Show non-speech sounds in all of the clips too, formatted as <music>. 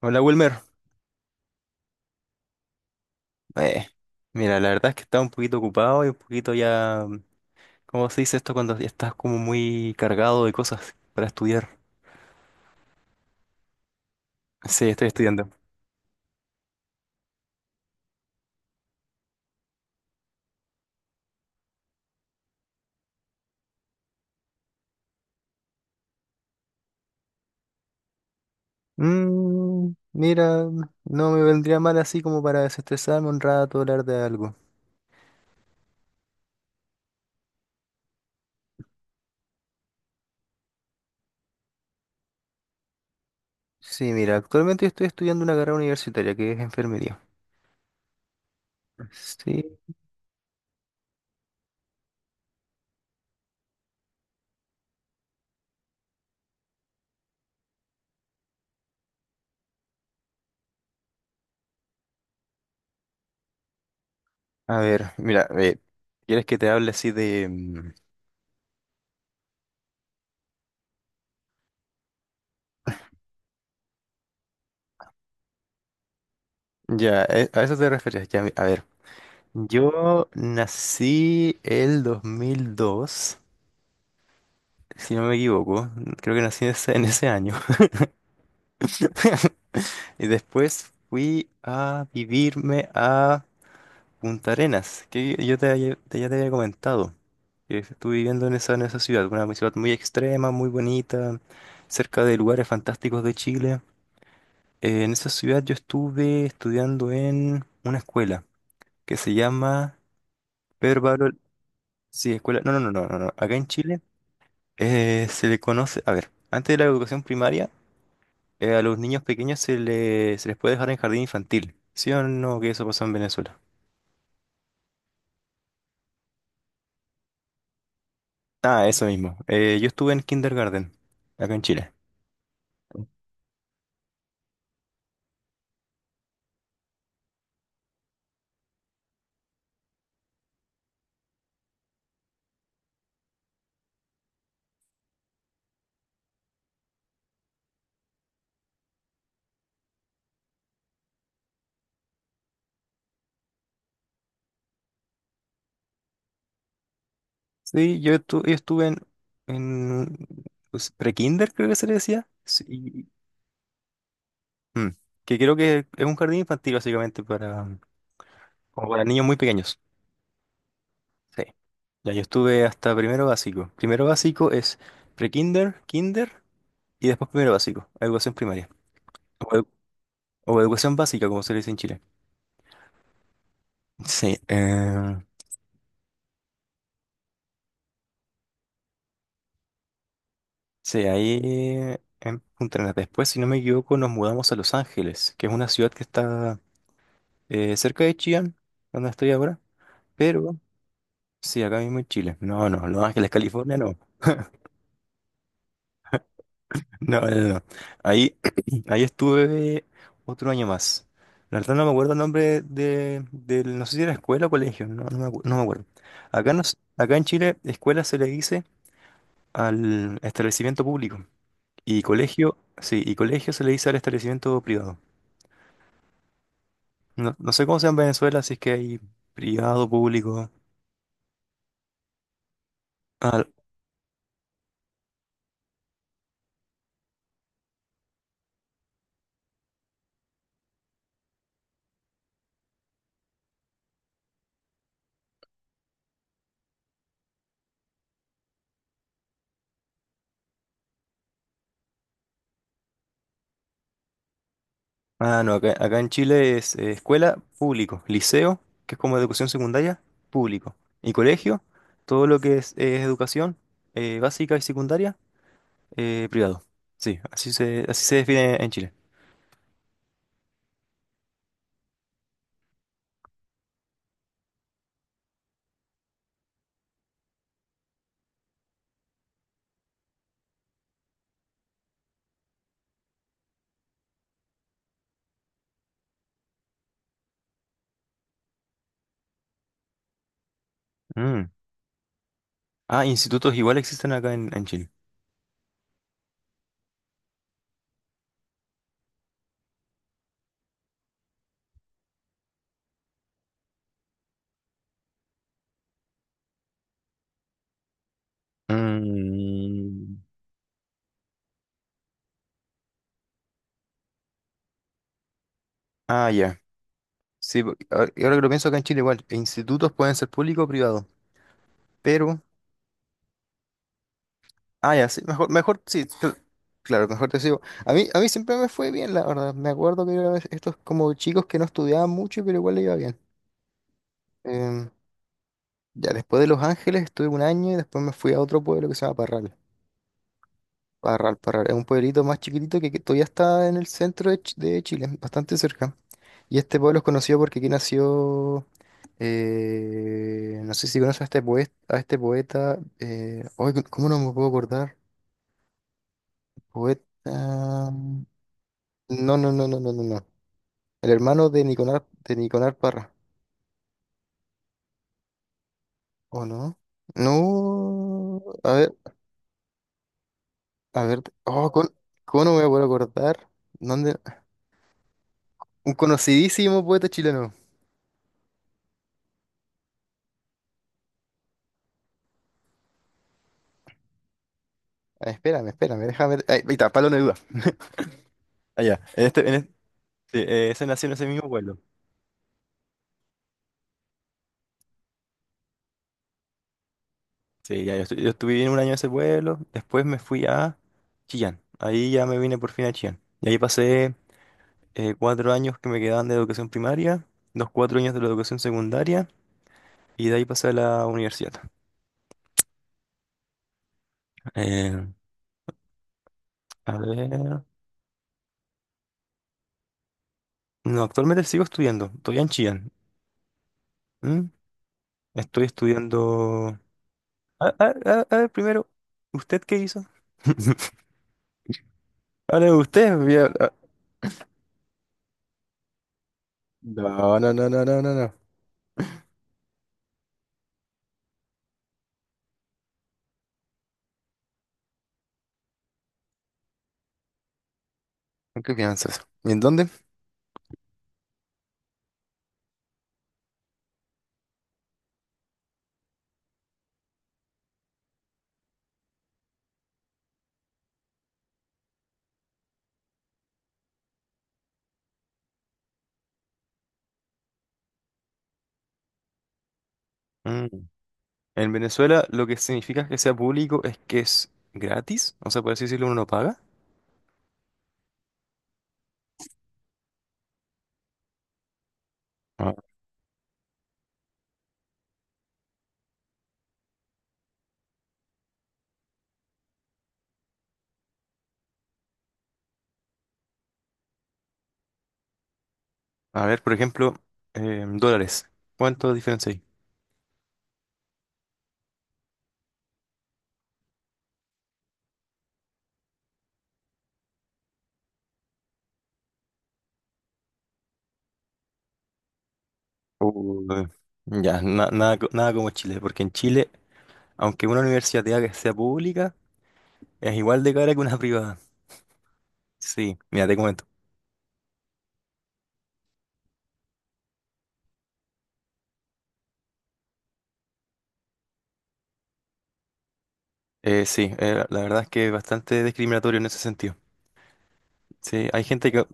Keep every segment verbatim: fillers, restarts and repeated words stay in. Hola Wilmer. Eh, Mira, la verdad es que estaba un poquito ocupado y un poquito ya, ¿cómo se dice esto cuando ya estás como muy cargado de cosas para estudiar? Sí, estoy estudiando. Mm, mira, no me vendría mal así como para desestresarme un rato, hablar de algo. Sí, mira, actualmente estoy estudiando una carrera universitaria que es enfermería. Sí. A ver, mira, eh, ¿quieres que te hable así de? mm, Ya, eh, a eso te referías, ya, a ver. Yo nací el dos mil dos, si no me equivoco, creo que nací en ese, en ese año. <laughs> Y después fui a vivirme a Punta Arenas, que yo te, había- te- ya te había comentado que estuve viviendo en esa, en esa ciudad, una ciudad muy extrema, muy bonita, cerca de lugares fantásticos de Chile. Eh, en esa ciudad yo estuve estudiando en una escuela que se llama Pedro Pablo. Sí, escuela. No, no, no, no, no, no. Acá en Chile eh, se le conoce. A ver, antes de la educación primaria. Eh, a los niños pequeños se, le- se les puede dejar en jardín infantil. ¿Sí o no que eso pasó en Venezuela? Ah, eso mismo. Eh, yo estuve en kindergarten, acá en Chile. Sí, yo, estu- yo estuve en, en pues, pre-kinder, creo que se le decía. Sí, y- mm, que creo que es un jardín infantil básicamente para, como para niños muy pequeños. Sí. Ya, yo estuve hasta primero básico. Primero básico es pre-kinder, kinder y después primero básico, educación primaria. O, edu- o educación básica, como se le dice en Chile. Sí, eh, sí, ahí en Punta Arenas. Después, si no me equivoco, nos mudamos a Los Ángeles, que es una ciudad que está eh, cerca de Chillán, donde estoy ahora, pero sí, acá mismo en Chile. No, no, Los Ángeles, California, no. No, no, no, no. Ahí, <clears throat> ahí estuve otro año más. La verdad no me acuerdo el nombre de, del- no sé si era escuela o colegio, no, no me, acu- no me acuerdo. Acá, nos, acá en Chile, escuela se le dice al establecimiento público. Y colegio, sí, y colegio se le dice al establecimiento privado. No, no sé cómo sea en Venezuela, si es que hay privado, público. Ah, ah, no, acá, acá en Chile es eh, escuela, público. Liceo, que es como educación secundaria, público. Y colegio, todo lo que es, eh, educación eh, básica y secundaria, eh, privado. Sí, así se, así se define en Chile. Mm. Ah, institutos igual existen acá en, en Chile. Mm. Ah, ya. Sí, porque ahora ahora que lo pienso acá en Chile igual, institutos pueden ser públicos o privados, pero. Ah, ya, sí, mejor, mejor, sí, cl- claro, mejor te sigo. A mí, a mí siempre me fue bien, la verdad. Me acuerdo que era estos como chicos que no estudiaban mucho, pero igual le iba bien. Em, ya, después de Los Ángeles estuve un año y después me fui a otro pueblo que se llama Parral. Parral, Parral es un pueblito más chiquitito que, que todavía está en el centro de, Ch- de Chile, bastante cerca. Y este pueblo es conocido porque aquí nació, eh, no sé si conoces a este poeta, a este poeta, eh, ay, ¿cómo no me puedo acordar? Poeta, no, no, no, no, no, no, no. El hermano de Niconar, de Niconar Parra, ¿o no? No, a ver, a ver, oh, ¿cómo, cómo no me puedo acordar? ¿Dónde? Un conocidísimo poeta chileno. Ah, Espérame, espérame, déjame ver. Ahí ahí está, palo de duda. Allá, en este, en este- sí, eh, ese nació en ese mismo pueblo. Sí, ya, yo, estu- yo estuve un año en ese pueblo, después me fui a Chillán. Ahí ya me vine por fin a Chillán. Y ahí pasé eh, cuatro años que me quedaban de educación primaria, los cuatro años de la educación secundaria, y de ahí pasé a la universidad. Eh, a ver. No, actualmente sigo estudiando, estoy en Chillán. ¿Mm? Estoy estudiando. A, a- a- a ver, primero, ¿usted qué hizo? <laughs> Ahora usted, bien. No, no, no, no, no, no, no. ¿Por ¿Qué piensas? ¿Y en dónde? Mm. En Venezuela lo que significa que sea público es que es gratis, o sea, por así decirlo, uno no paga. Ah. A ver, por ejemplo, eh, dólares. ¿Cuánto diferencia hay? Uy. Ya, na- nada, co- nada como Chile, porque en Chile, aunque una universidad te haga que sea pública, es igual de cara que una <laughs> privada. Sí, mira, te comento. Eh, sí, eh, la verdad es que es bastante discriminatorio en ese sentido. Sí, hay gente que.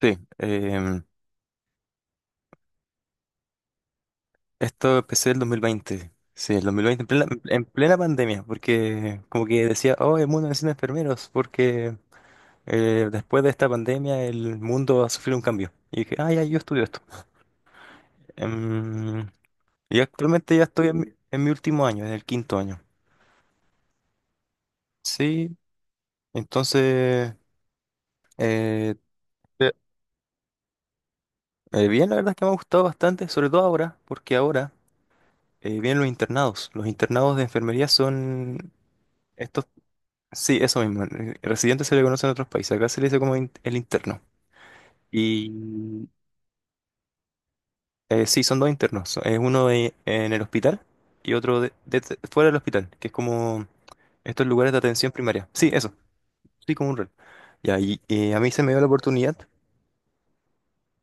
Sí, em, esto empecé el dos mil veinte. Sí, el dos mil veinte, en plena, en plena pandemia, porque como que decía, oh, el mundo necesita enfermeros, porque eh, después de esta pandemia el mundo va a sufrir un cambio. Y dije, ah, ya, yo estudio esto. Em, y actualmente ya estoy en, mi en mi último año, en el quinto año. Sí, entonces, eh, te- eh, bien, la verdad es que me ha gustado bastante, sobre todo ahora, porque ahora eh, vienen los internados. Los internados de enfermería son estos. Sí, eso mismo. El residente se le conoce en otros países. Acá se le dice como in- el interno. Y eh, sí, son dos internos. so- Es uno de- en el hospital y otro de- de- de- fuera del hospital, que es como estos lugares de atención primaria. Sí, eso. Sí, como un rol. Ya, y, y a mí se me dio la oportunidad.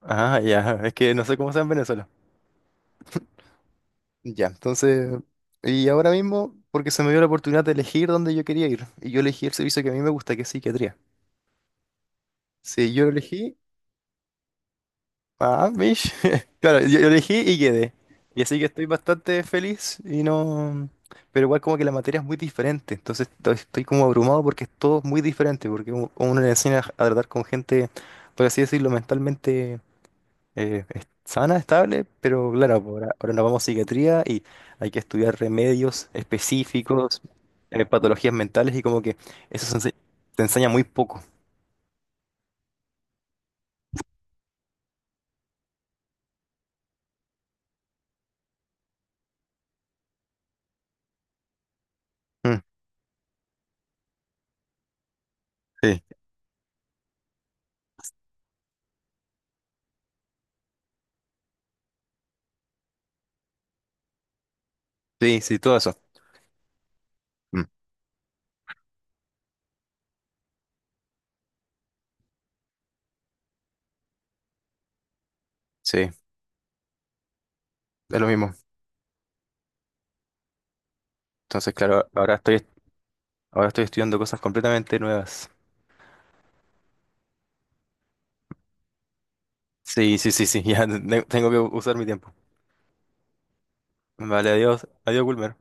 Ah, ya. Es que no sé cómo sea en Venezuela. Ya, entonces. Y ahora mismo, porque se me dio la oportunidad de elegir dónde yo quería ir. Y yo elegí el servicio que a mí me gusta, que es psiquiatría. Sí, yo elegí. Ah, Mish. <laughs> Claro, yo, yo elegí y quedé. Y así que estoy bastante feliz y no. Pero igual como que la materia es muy diferente, entonces estoy, estoy como abrumado porque es todo muy diferente, porque u- uno le enseña a tratar con gente, por así decirlo, mentalmente eh, es- sana, estable, pero claro, ahora, ahora nos vamos a psiquiatría y hay que estudiar remedios específicos, eh, patologías mentales y como que eso se ense- te enseña muy poco. Mm, sí, sí, sí, todo eso. Mm, sí, es lo mismo. Entonces, claro, ahora estoy, ahora estoy estudiando cosas completamente nuevas. Sí, sí, sí, sí, <laughs> ya te- tengo que usar mi tiempo. Vale, adiós, adiós, Wilmer.